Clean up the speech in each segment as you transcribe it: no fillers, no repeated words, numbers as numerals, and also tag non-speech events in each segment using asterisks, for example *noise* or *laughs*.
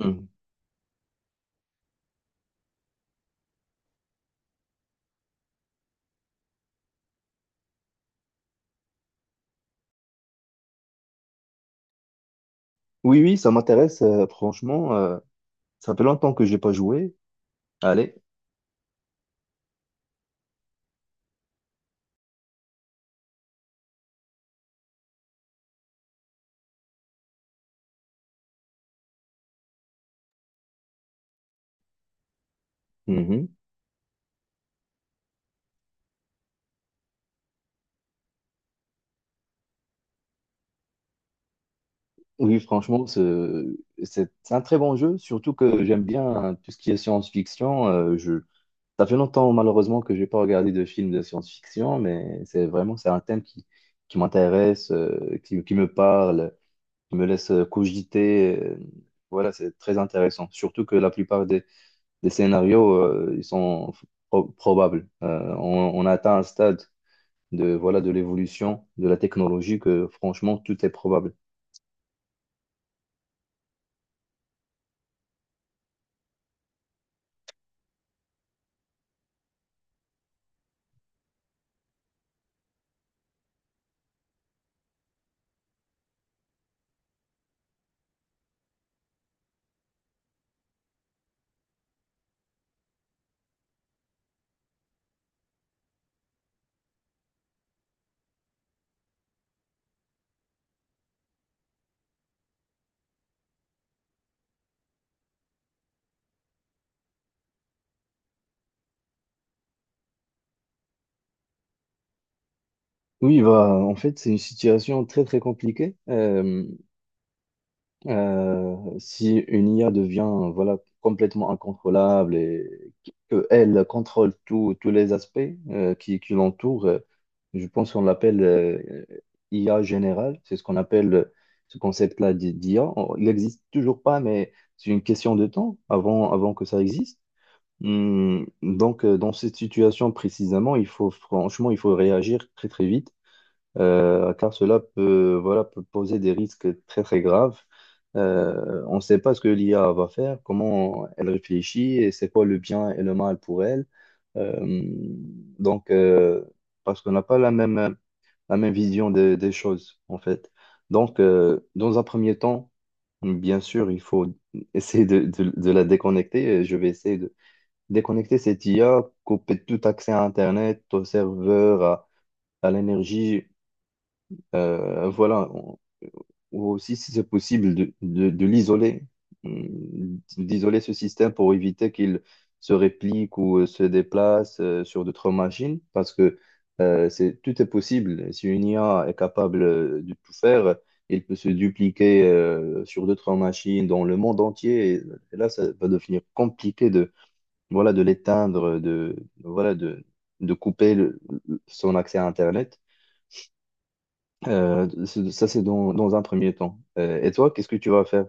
Hmm. Oui, oui, ça m'intéresse, franchement. Ça fait longtemps que j'ai pas joué. Allez. Mhm. Oui, franchement, c'est un très bon jeu, surtout que j'aime bien hein, tout ce qui est science-fiction. Ça fait longtemps, malheureusement, que j'ai pas regardé de films de science-fiction, mais c'est vraiment, c'est un thème qui m'intéresse, qui me parle, qui me laisse cogiter. Voilà, c'est très intéressant. Surtout que la plupart des scénarios, ils sont probables. On a atteint un stade de voilà de l'évolution de la technologie que franchement tout est probable. Oui, bah, en fait, c'est une situation très très compliquée. Si une IA devient voilà complètement incontrôlable et qu'elle contrôle tous les aspects qui l'entourent, je pense qu'on l'appelle IA générale. C'est ce qu'on appelle ce concept-là d'IA. Il n'existe toujours pas, mais c'est une question de temps avant, avant que ça existe. Hmm. Donc, dans cette situation précisément, il faut franchement, il faut réagir très très vite, car cela peut, voilà, peut poser des risques très très graves. On ne sait pas ce que l'IA va faire, comment elle réfléchit et c'est quoi le bien et le mal pour elle. Euh, donc, parce qu'on n'a pas la même, la même vision des choses, en fait. Donc, dans un premier temps, bien sûr, il faut essayer de, de la déconnecter. Je vais essayer de déconnecter cette IA, couper tout accès à Internet, au serveur, à l'énergie, voilà. Ou aussi, si c'est possible, de, de l'isoler, d'isoler ce système pour éviter qu'il se réplique ou se déplace sur d'autres machines, parce que c'est, tout est possible. Si une IA est capable de tout faire, il peut se dupliquer sur d'autres machines dans le monde entier, et là, ça va devenir compliqué voilà, de l'éteindre, de, voilà, de couper son accès à Internet. Ça, c'est dans, dans un premier temps. Et toi, qu'est-ce que tu vas faire?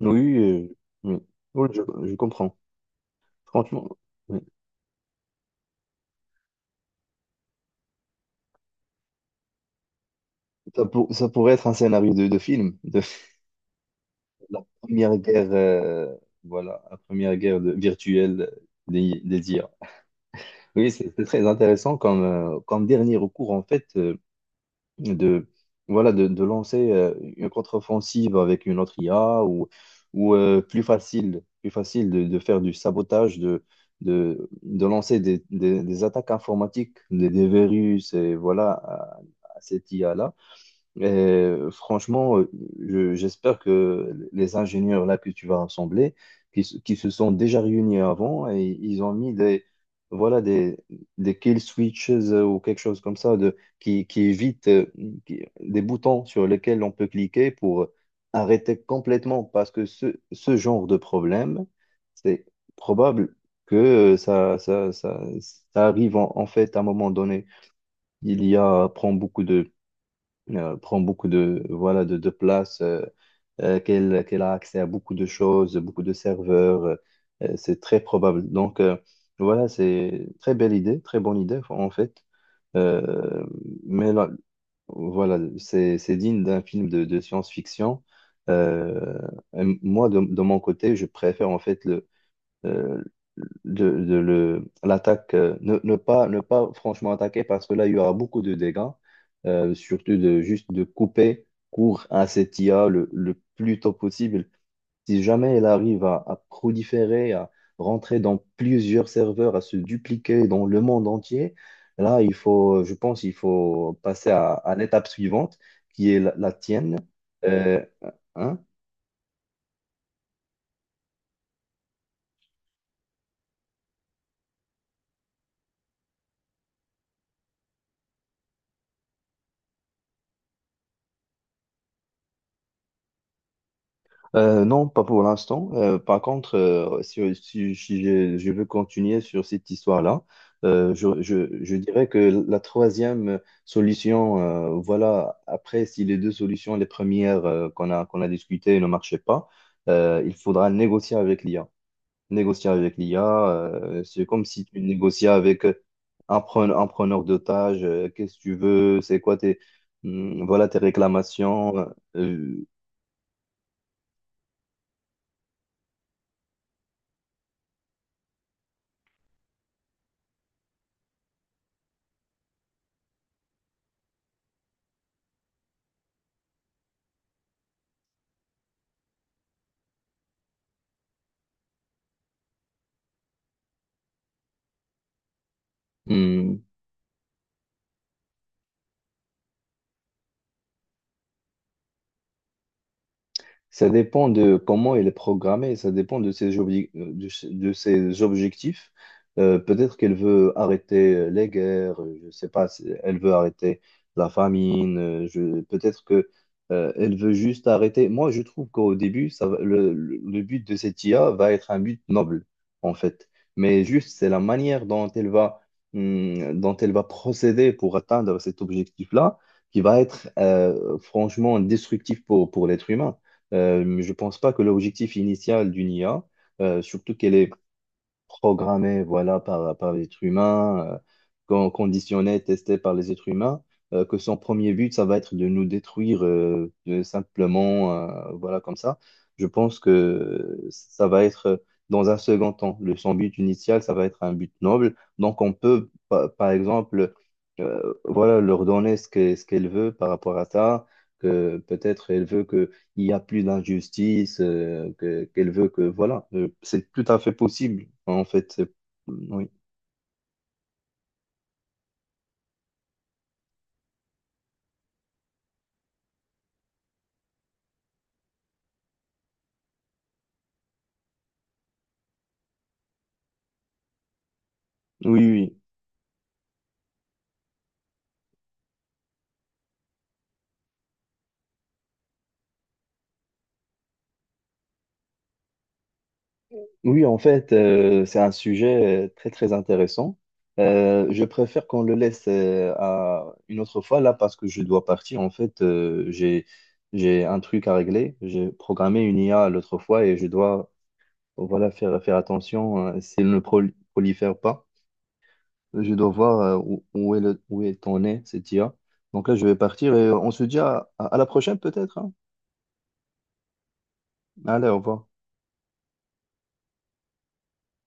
Oui, oui. Oui, je comprends. Franchement, oui. Ça, ça pourrait être un scénario de film, de *laughs* la première guerre, voilà, la première guerre virtuelle des IA. Oui, c'est très intéressant comme, comme dernier recours, en fait. De voilà de lancer une contre-offensive avec une autre IA ou plus facile de faire du sabotage de lancer des attaques informatiques des virus et voilà à cette IA-là et franchement, j'espère que les ingénieurs là que tu vas rassembler, qui se sont déjà réunis avant et ils ont mis des, voilà, des kill switches ou quelque chose comme ça de, qui évite des boutons sur lesquels on peut cliquer pour arrêter complètement parce que ce genre de problème, c'est probable que euh, ça, ça, ça, ça arrive en, en fait à un moment donné. Il y a, prend beaucoup de, voilà, de place, qu'elle, qu'elle a accès à beaucoup de choses, beaucoup de serveurs. C'est très probable. Donc, voilà, c'est très belle idée, très bonne idée, en fait. Euh, mais là, voilà, c'est digne d'un film de science-fiction. Euh, et moi, de mon côté, je préfère, en fait, euh, de le, l'attaque, ne, ne pas, ne pas franchement attaquer parce que là, il y aura beaucoup de dégâts, surtout de juste de couper court à cette IA le plus tôt possible. Si jamais elle arrive à proliférer, à rentrer dans plusieurs serveurs, à se dupliquer dans le monde entier, là, il faut, je pense, il faut passer à l'étape suivante qui est la, la tienne. Euh, hein. Non, pas pour l'instant. Par contre, si, si je, je veux continuer sur cette histoire-là, je, je dirais que la troisième solution, voilà, après, si les deux solutions, les premières qu'on a, qu'on a discutées ne marchaient pas, il faudra négocier avec l'IA. Négocier avec l'IA, c'est comme si tu négociais avec un preneur d'otage, qu'est-ce que tu veux, c'est quoi tes, voilà, tes réclamations. euh, hum, Ça dépend de comment il est programmé, ça dépend de ses, de, ses de ses objectifs. Peut-être qu'elle veut arrêter les guerres, je ne sais pas, si elle veut arrêter la famine, peut-être que, elle veut juste arrêter. Moi, je trouve qu'au début, le but de cette IA va être un but noble, en fait. Mais juste, c'est la manière dont elle va, dont elle va procéder pour atteindre cet objectif-là qui va être, franchement, destructif pour l'être humain. Je pense pas que l'objectif initial d'une IA, surtout qu'elle est programmée voilà, par, par l'être humain, conditionnée, testée par les êtres humains, que son premier but, ça va être de nous détruire simplement, voilà, comme ça. Je pense que ça va être, dans un second temps, le, son but initial, ça va être un but noble. Donc, on peut, par exemple, voilà, leur donner ce qu'elle veut par rapport à ça, que peut-être elle veut que il n'y a plus d'injustice, qu'elle veut que, voilà, c'est tout à fait possible, en fait. Oui, oui, oui. Oui, en fait, c'est un sujet très, très intéressant. Je préfère qu'on le laisse à une autre fois, là, parce que je dois partir. En fait, j'ai un truc à régler. J'ai programmé une IA l'autre fois et je dois, voilà, faire, faire attention, si elle ne prolifère pas. Je dois voir où, où est le, où est ton nez, cette IA. Donc là, je vais partir et on se dit à la prochaine peut-être, hein. Allez, au revoir.